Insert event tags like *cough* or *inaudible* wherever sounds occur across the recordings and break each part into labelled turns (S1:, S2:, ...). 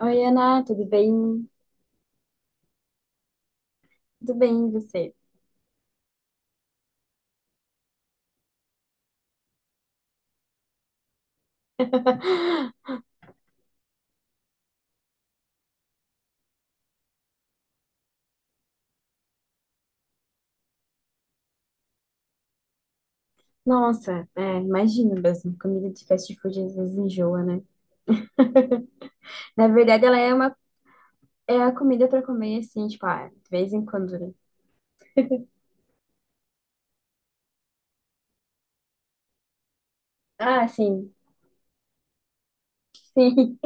S1: Oi, Ana, tudo bem? Tudo bem, e você? *laughs* Nossa, é, imagino mesmo, comida de fast food às vezes enjoa, né? Na verdade, ela é uma é a comida pra comer, assim, tipo, ah, de vez em quando, né? Ah, sim, sim,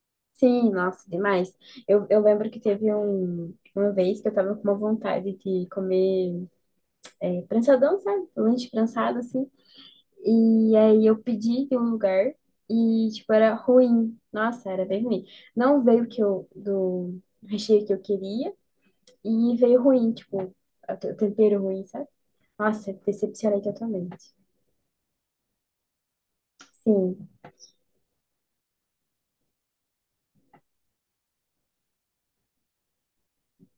S1: *laughs* sim, nossa, demais. Eu lembro que teve um, uma vez que eu tava com uma vontade de comer é, prançadão, sabe? Lanche prensado, assim. E aí eu pedi de um lugar e, tipo, era ruim. Nossa, era bem ruim. Não veio o que eu, do recheio que eu queria e veio ruim, tipo, o tempero ruim, sabe? Nossa, decepcionei totalmente. Sim.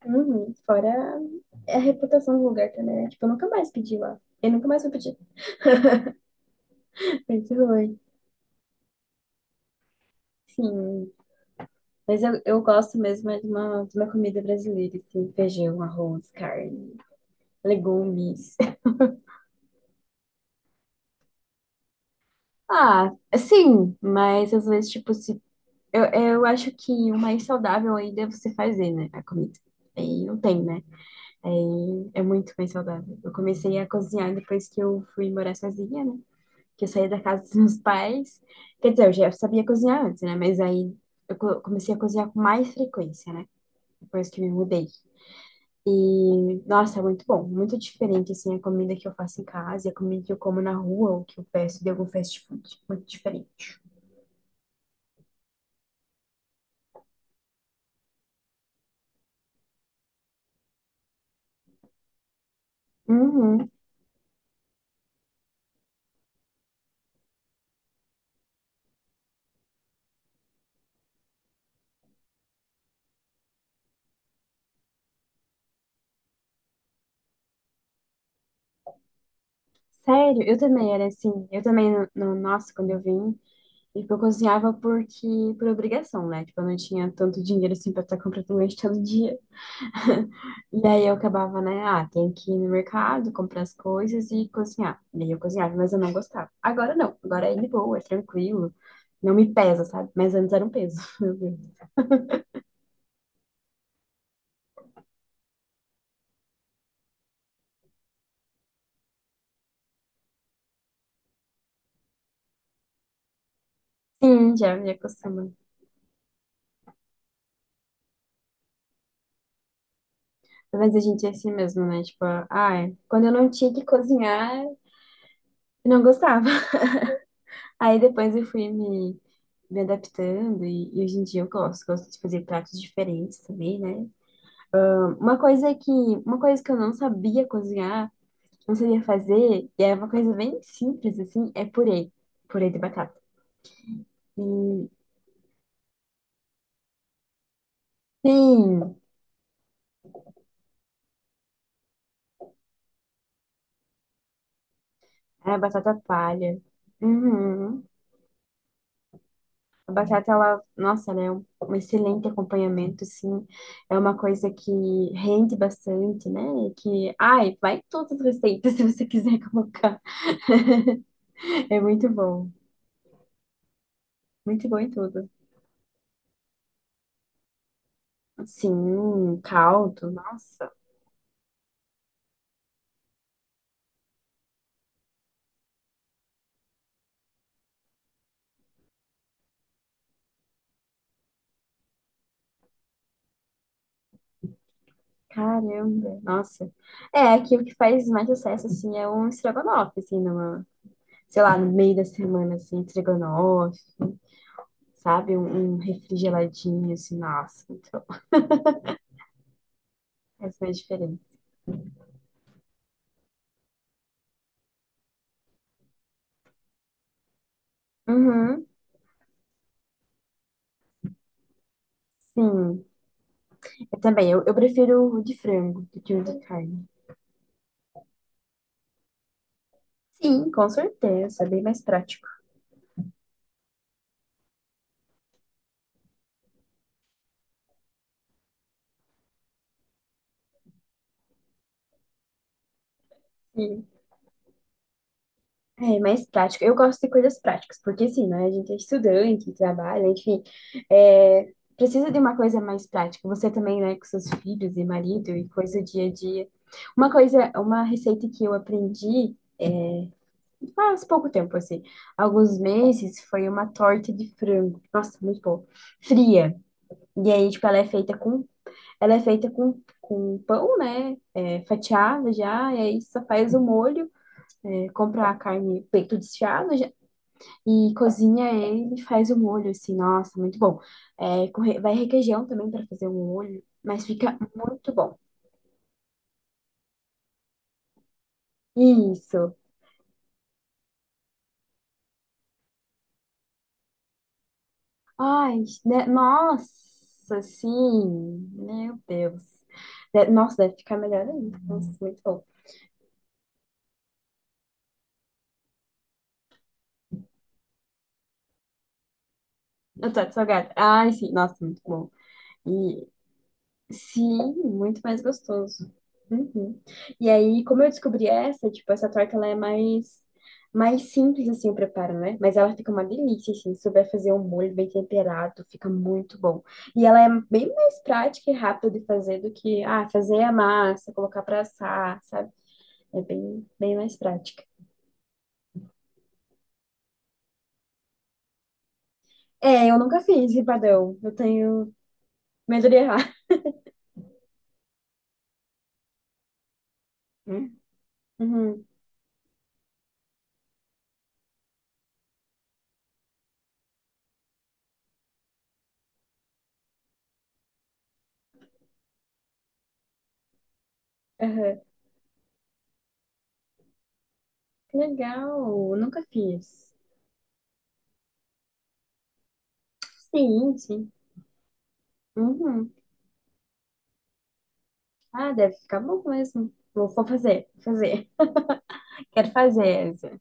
S1: Uhum. Fora a reputação do lugar também, né? Tipo, eu nunca mais pedi lá. Eu nunca mais vou pedir. *laughs* Mas ruim. Sim. Mas eu gosto mesmo é de uma comida brasileira, assim, feijão, arroz, carne, legumes. Ah, sim, mas às vezes, tipo, se, eu acho que o mais saudável ainda é você fazer, né, a comida. Aí não tem, né? Aí é muito mais saudável. Eu comecei a cozinhar depois que eu fui morar sozinha, né? Que eu saí da casa dos *laughs* meus pais. Quer dizer, eu já sabia cozinhar antes, né? Mas aí eu comecei a cozinhar com mais frequência, né? Depois que me mudei. E, nossa, é muito bom. Muito diferente, assim, a comida que eu faço em casa e a comida que eu como na rua ou que eu peço de algum fast food. Muito diferente. Uhum. Sério, eu também era assim. Eu também, nossa, quando eu vim, tipo, eu cozinhava porque, por obrigação, né? Tipo, eu não tinha tanto dinheiro assim pra estar comprando lanche todo dia. *laughs* E aí eu acabava, né? Ah, tem que ir no mercado, comprar as coisas e cozinhar. E aí eu cozinhava, mas eu não gostava. Agora não, agora é de boa, é tranquilo. Não me pesa, sabe? Mas antes era um peso, *laughs* meu Deus. Sim, já me acostuma. Mas a gente é assim mesmo, né? Tipo, ah, é, quando eu não tinha que cozinhar, eu não gostava. Aí depois me adaptando e hoje em dia eu gosto, gosto de fazer pratos diferentes também, né? Uma coisa que eu não sabia cozinhar, não sabia fazer, e é uma coisa bem simples assim, é purê, purê de batata. E, sim, é a batata palha. Uhum. A batata, ela, nossa, ela é um, um excelente acompanhamento, assim. É uma coisa que rende bastante, né? Que, ai, vai em todas as receitas *laughs* se você quiser colocar. É muito bom. Muito bom em tudo. Sim, caldo, nossa, caramba, nossa. É, aqui o que faz mais sucesso, assim, é um estrogonofe, assim, numa, sei lá, no meio da semana, assim, estrogonofe, sabe? Um refrigeradinho, assim, nossa, muito bom. *laughs* Faz mais diferença. Uhum, sim. Eu também, eu prefiro o de frango do que o de carne. Sim, com certeza, é bem mais prático. Sim. É mais prático. Eu gosto de coisas práticas, porque assim, né? A gente é estudante, trabalha, enfim. É, precisa de uma coisa mais prática. Você também, né, com seus filhos e marido e coisa do dia a dia. Uma coisa, uma receita que eu aprendi faz pouco tempo, assim, alguns meses, foi uma torta de frango. Nossa, muito boa. Fria. E aí, tipo, ela é feita com pão, né? É, fatiado já, e aí só faz o molho. É, compra a carne, peito desfiado, e cozinha ele e faz o molho, assim, nossa, muito bom. É, com vai requeijão também para fazer o molho, mas fica muito bom. Isso. Ai, né, nossa, sim. Meu Deus. Nossa, deve ficar melhor ainda. Nossa, muito bom. Eu tô de salgado. Ai, sim, nossa, muito bom. E sim, muito mais gostoso. Uhum. E aí, como eu descobri essa, tipo, essa torta ela é mais mais simples assim o preparo, né? Mas ela fica uma delícia assim, se souber fazer um molho bem temperado, fica muito bom. E ela é bem mais prática e rápida de fazer do que ah, fazer a massa, colocar pra assar, sabe? É bem bem mais prática. É, eu nunca fiz empadão. Eu tenho medo de errar. Hum? Uhum. Aham. Que legal, eu nunca fiz. Sim, sim. Uhum. Ah, deve ficar bom mesmo. Vou, vou fazer, vou fazer. *laughs* Quero fazer essa.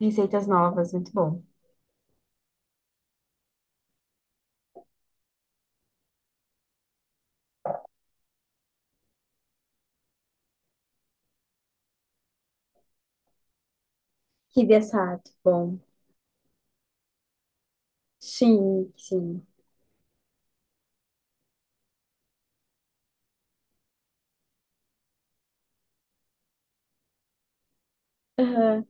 S1: Receitas novas, muito bom. Kibe assado, bom. Sim, sim. Aham.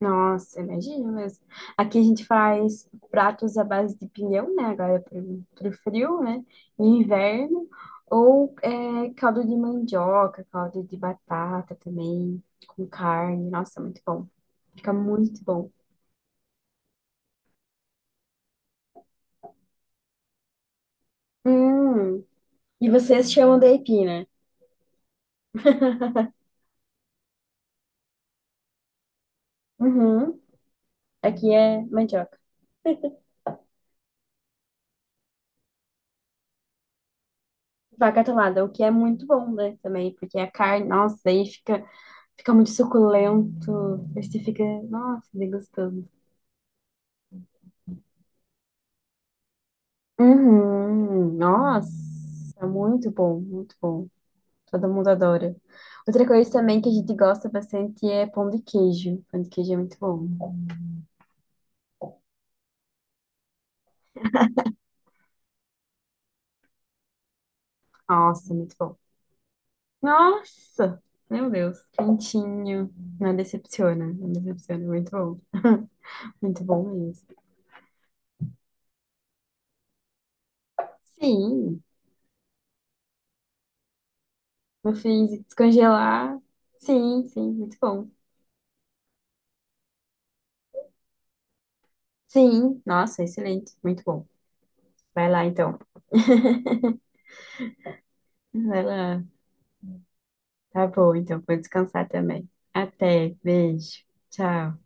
S1: Nossa, imagina mesmo. Aqui a gente faz pratos à base de pinhão, né? Agora é pro frio, né? Em inverno. Ou é, caldo de mandioca, caldo de batata também, com carne. Nossa, muito bom. Fica muito bom. Hum, e vocês chamam de aipim, né? Uhum. Aqui é mandioca. Vaca atolada, o que é muito bom, né? Também, porque a carne, nossa, aí fica, fica muito suculento. Aí você fica, nossa, bem gostoso. Uhum, nossa, muito bom, muito bom. Todo mundo adora. Outra coisa também que a gente gosta bastante é pão de queijo. Pão de queijo é muito bom. Nossa, muito bom. Nossa, meu Deus. Quentinho. Não decepciona, não decepciona. Muito bom. *laughs* Muito bom mesmo. Sim. Eu fiz descongelar. Sim, sim, muito bom. Sim, nossa, excelente, muito bom. Vai lá então. *laughs* Vai lá. Tá bom, então vou descansar também. Até, beijo. Tchau.